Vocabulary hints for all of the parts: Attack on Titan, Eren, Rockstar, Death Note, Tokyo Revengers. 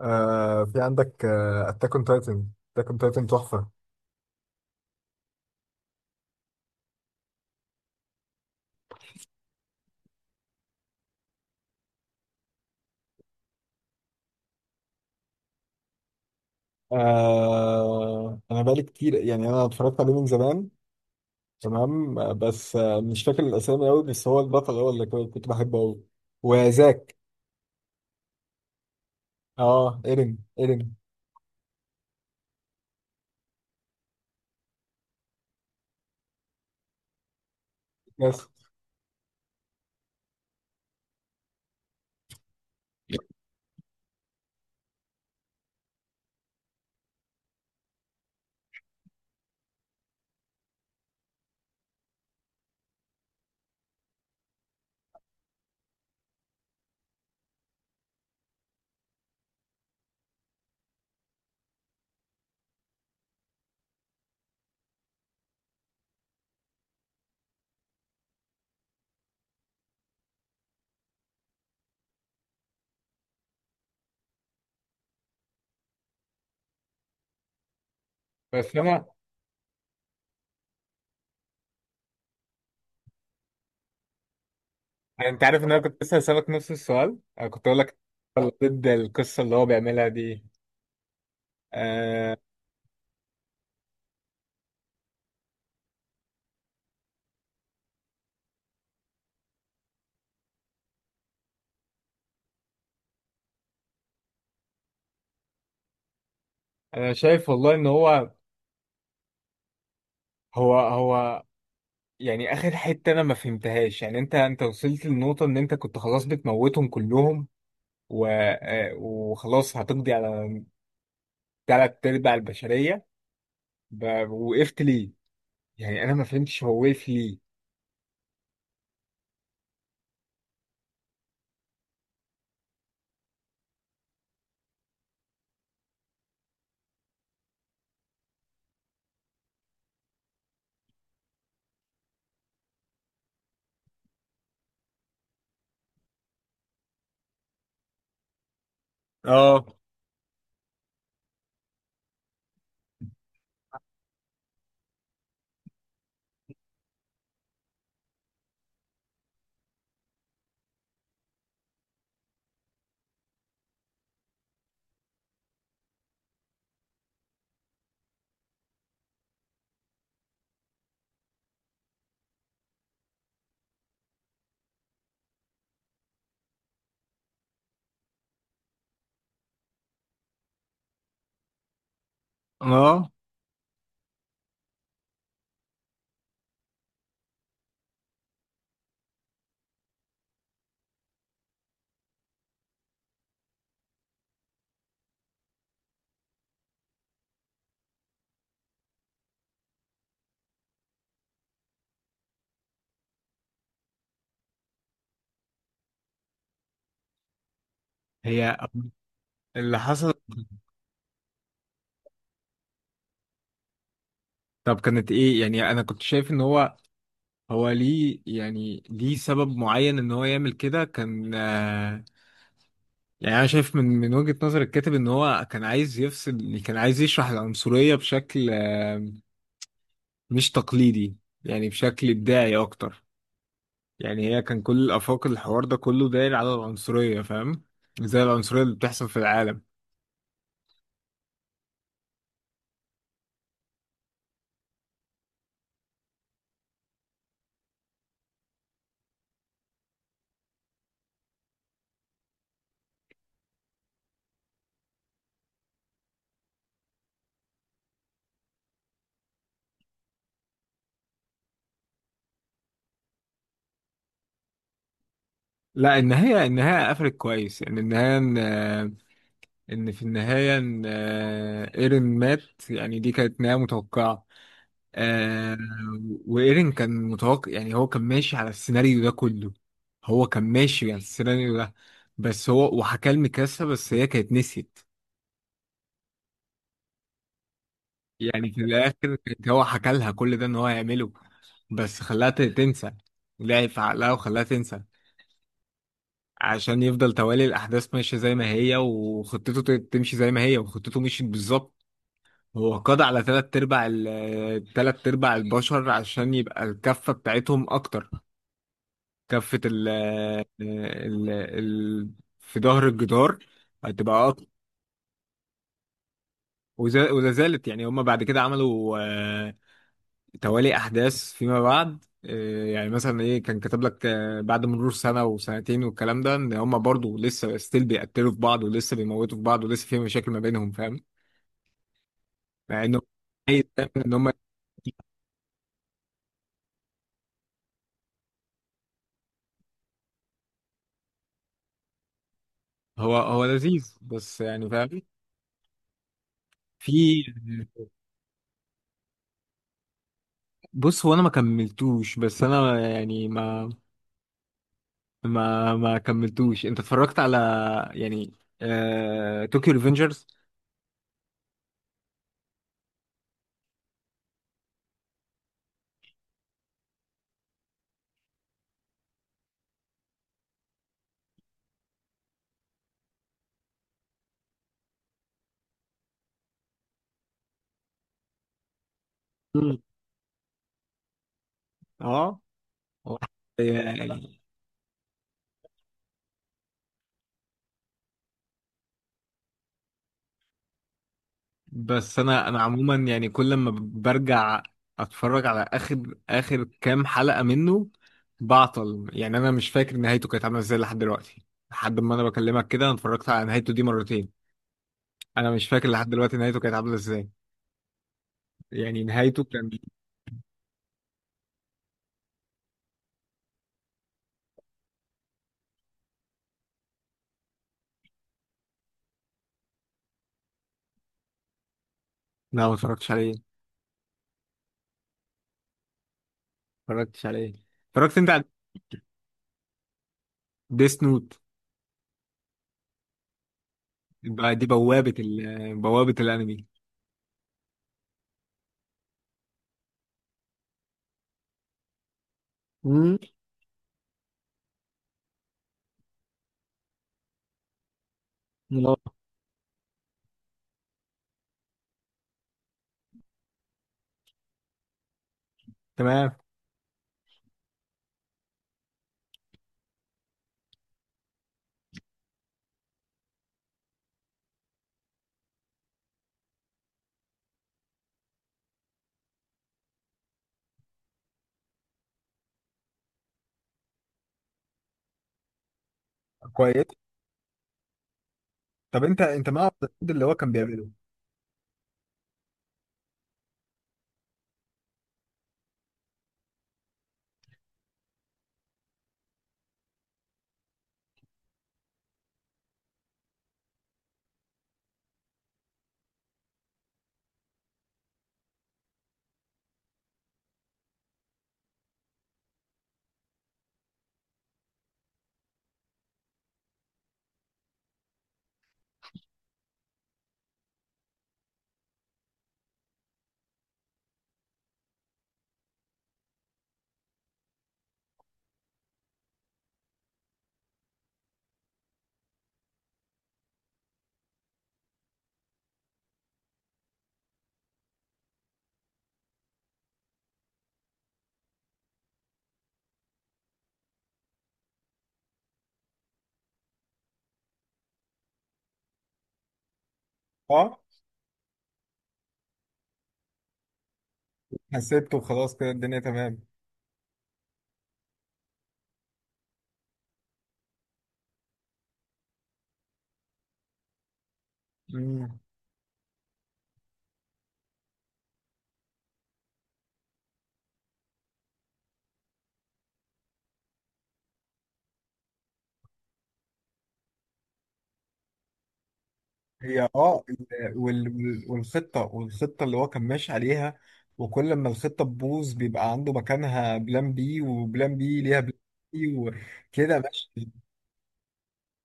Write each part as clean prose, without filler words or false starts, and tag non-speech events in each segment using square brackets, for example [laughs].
في عندك اتاك اون تايتن اتاك اون تايتن تحفه. انا بقالي كتير، يعني انا اتفرجت عليه من زمان. تمام. بس مش فاكر الاسامي قوي، بس هو البطل، هو اللي كنت بحبه قوي. وزاك. اه، ايرين ايرين. بس بس انا، انت عارف ان انا كنت لسه هسألك نفس السؤال، انا كنت اقول لك ضد القصه اللي هو بيعملها دي. آه انا شايف والله ان هو، هو يعني اخر حته انا ما فهمتهاش. يعني انت وصلت للنقطه ان انت كنت خلاص بتموتهم كلهم، و... آه، وخلاص هتقضي على تلات ارباع البشريه. ب... وقفت ليه؟ يعني انا ما فهمتش هو وقف ليه. اه اه. هي اللي حصل. طب كانت ايه؟ يعني انا كنت شايف ان هو، ليه؟ يعني ليه سبب معين ان هو يعمل كده؟ كان يعني انا شايف من وجهة نظر الكاتب ان هو كان عايز يفصل، كان عايز يشرح العنصرية بشكل مش تقليدي، يعني بشكل إبداعي أكتر. يعني هي كان كل الآفاق، الحوار ده كله داير على العنصرية، فاهم؟ زي العنصرية اللي بتحصل في العالم. لا، النهاية، النهاية قفلت كويس. يعني النهاية إن في النهاية إن إيرين مات. يعني دي كانت نهاية متوقعة. آه، وإيرين كان متوقع، يعني هو كان ماشي على السيناريو ده كله. هو كان ماشي على السيناريو ده. بس هو وحكى لميكاسا، بس هي كانت نسيت. يعني في الاخر كانت، هو حكى لها كل ده ان هو هيعمله، بس خلاها تنسى. لعب في عقلها وخلاها تنسى عشان يفضل توالي الاحداث ماشيه زي ما هي، وخطته تمشي زي ما هي، وخطته مشيت بالظبط. هو قضى على [hesitation] تلات ارباع البشر عشان يبقى الكفه بتاعتهم اكتر، كفه [hesitation] ال ال في ظهر الجدار هتبقى اكتر. ولا زالت، يعني هما بعد كده عملوا توالي احداث فيما بعد. يعني مثلا ايه، كان كتب لك بعد مرور سنه وسنتين والكلام ده، ان هم برضو لسه ستيل بيقتلوا في بعض ولسه بيموتوا في بعض ولسه في مشاكل ما بينهم، فاهم؟ مع انه عايز دايماً ان هم، هو لذيذ بس، يعني فاهم؟ في. بص، هو انا ما كملتوش، بس انا يعني ما كملتوش. انت اتفرجت على، يعني طوكيو ريفنجرز. اه. آه. [laughs] يعني بس انا عموما، يعني كل ما برجع اتفرج على اخر اخر كام حلقة منه بعطل. يعني انا مش فاكر نهايته كانت عاملة ازاي لحد دلوقتي. لحد ما انا بكلمك كده انا اتفرجت على نهايته دي مرتين. انا مش فاكر لحد دلوقتي نهايته كانت عاملة ازاي. يعني نهايته كان. لا، ما اتفرجتش عليه. ما اتفرجتش عليه. اتفرجت انت على ديس نوت؟ دي بوابة الانمي. امم. تمام. كويس. طب انت، مع الرد اللي هو كان بيعمله. اه. حسبته خلاص كده الدنيا تمام. مم. هي اه والخطة، والخطة اللي هو كان ماشي عليها، وكل ما الخطة تبوظ بيبقى عنده مكانها بلان بي. وبلان بي ليها بلان بي، وكده ماشي.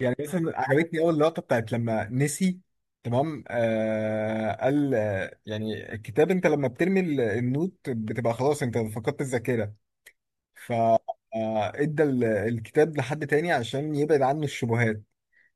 يعني مثلا عجبتني أول لقطة بتاعت لما نسي. تمام. قال يعني الكتاب، انت لما بترمي النوت بتبقى خلاص انت فقدت الذاكرة. ف ادى الكتاب لحد تاني عشان يبعد عنه الشبهات.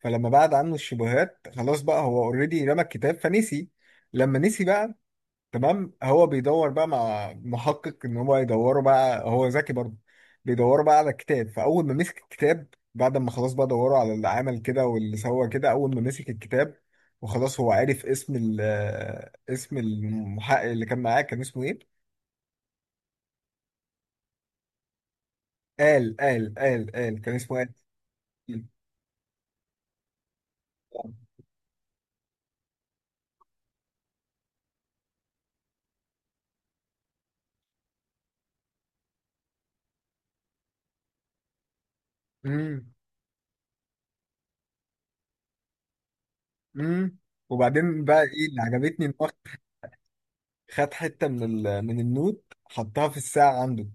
فلما بعد عنه الشبهات خلاص بقى، هو اوريدي رمى الكتاب فنسي. لما نسي بقى، تمام، هو بيدور بقى مع محقق ان هو يدوره، بقى هو ذكي برضه. بيدوروا بقى على الكتاب. فاول ما مسك الكتاب، بعد ما خلاص بقى دوروا على اللي عمل كده واللي سوى كده، اول ما مسك الكتاب وخلاص هو عرف اسم ال آه، اسم المحقق اللي كان معاه. كان اسمه ايه؟ قال كان اسمه قال. امم. امم. وبعدين بقى ايه اللي عجبتني؟ ان هو خد حتة من من النوت، حطها في الساعة عنده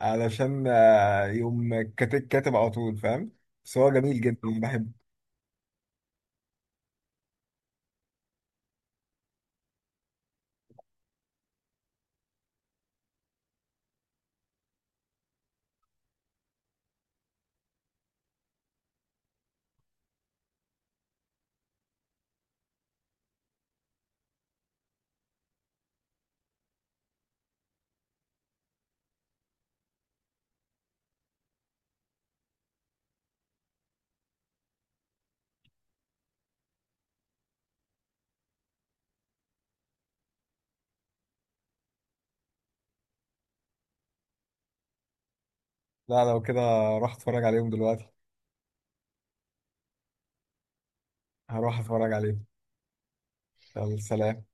علشان يقوم كاتب كاتب على طول، فاهم؟ بس هو جميل جدا بحبه. لا، لو كده راح اتفرج عليهم دلوقتي. هروح اتفرج عليهم. يلا سلام.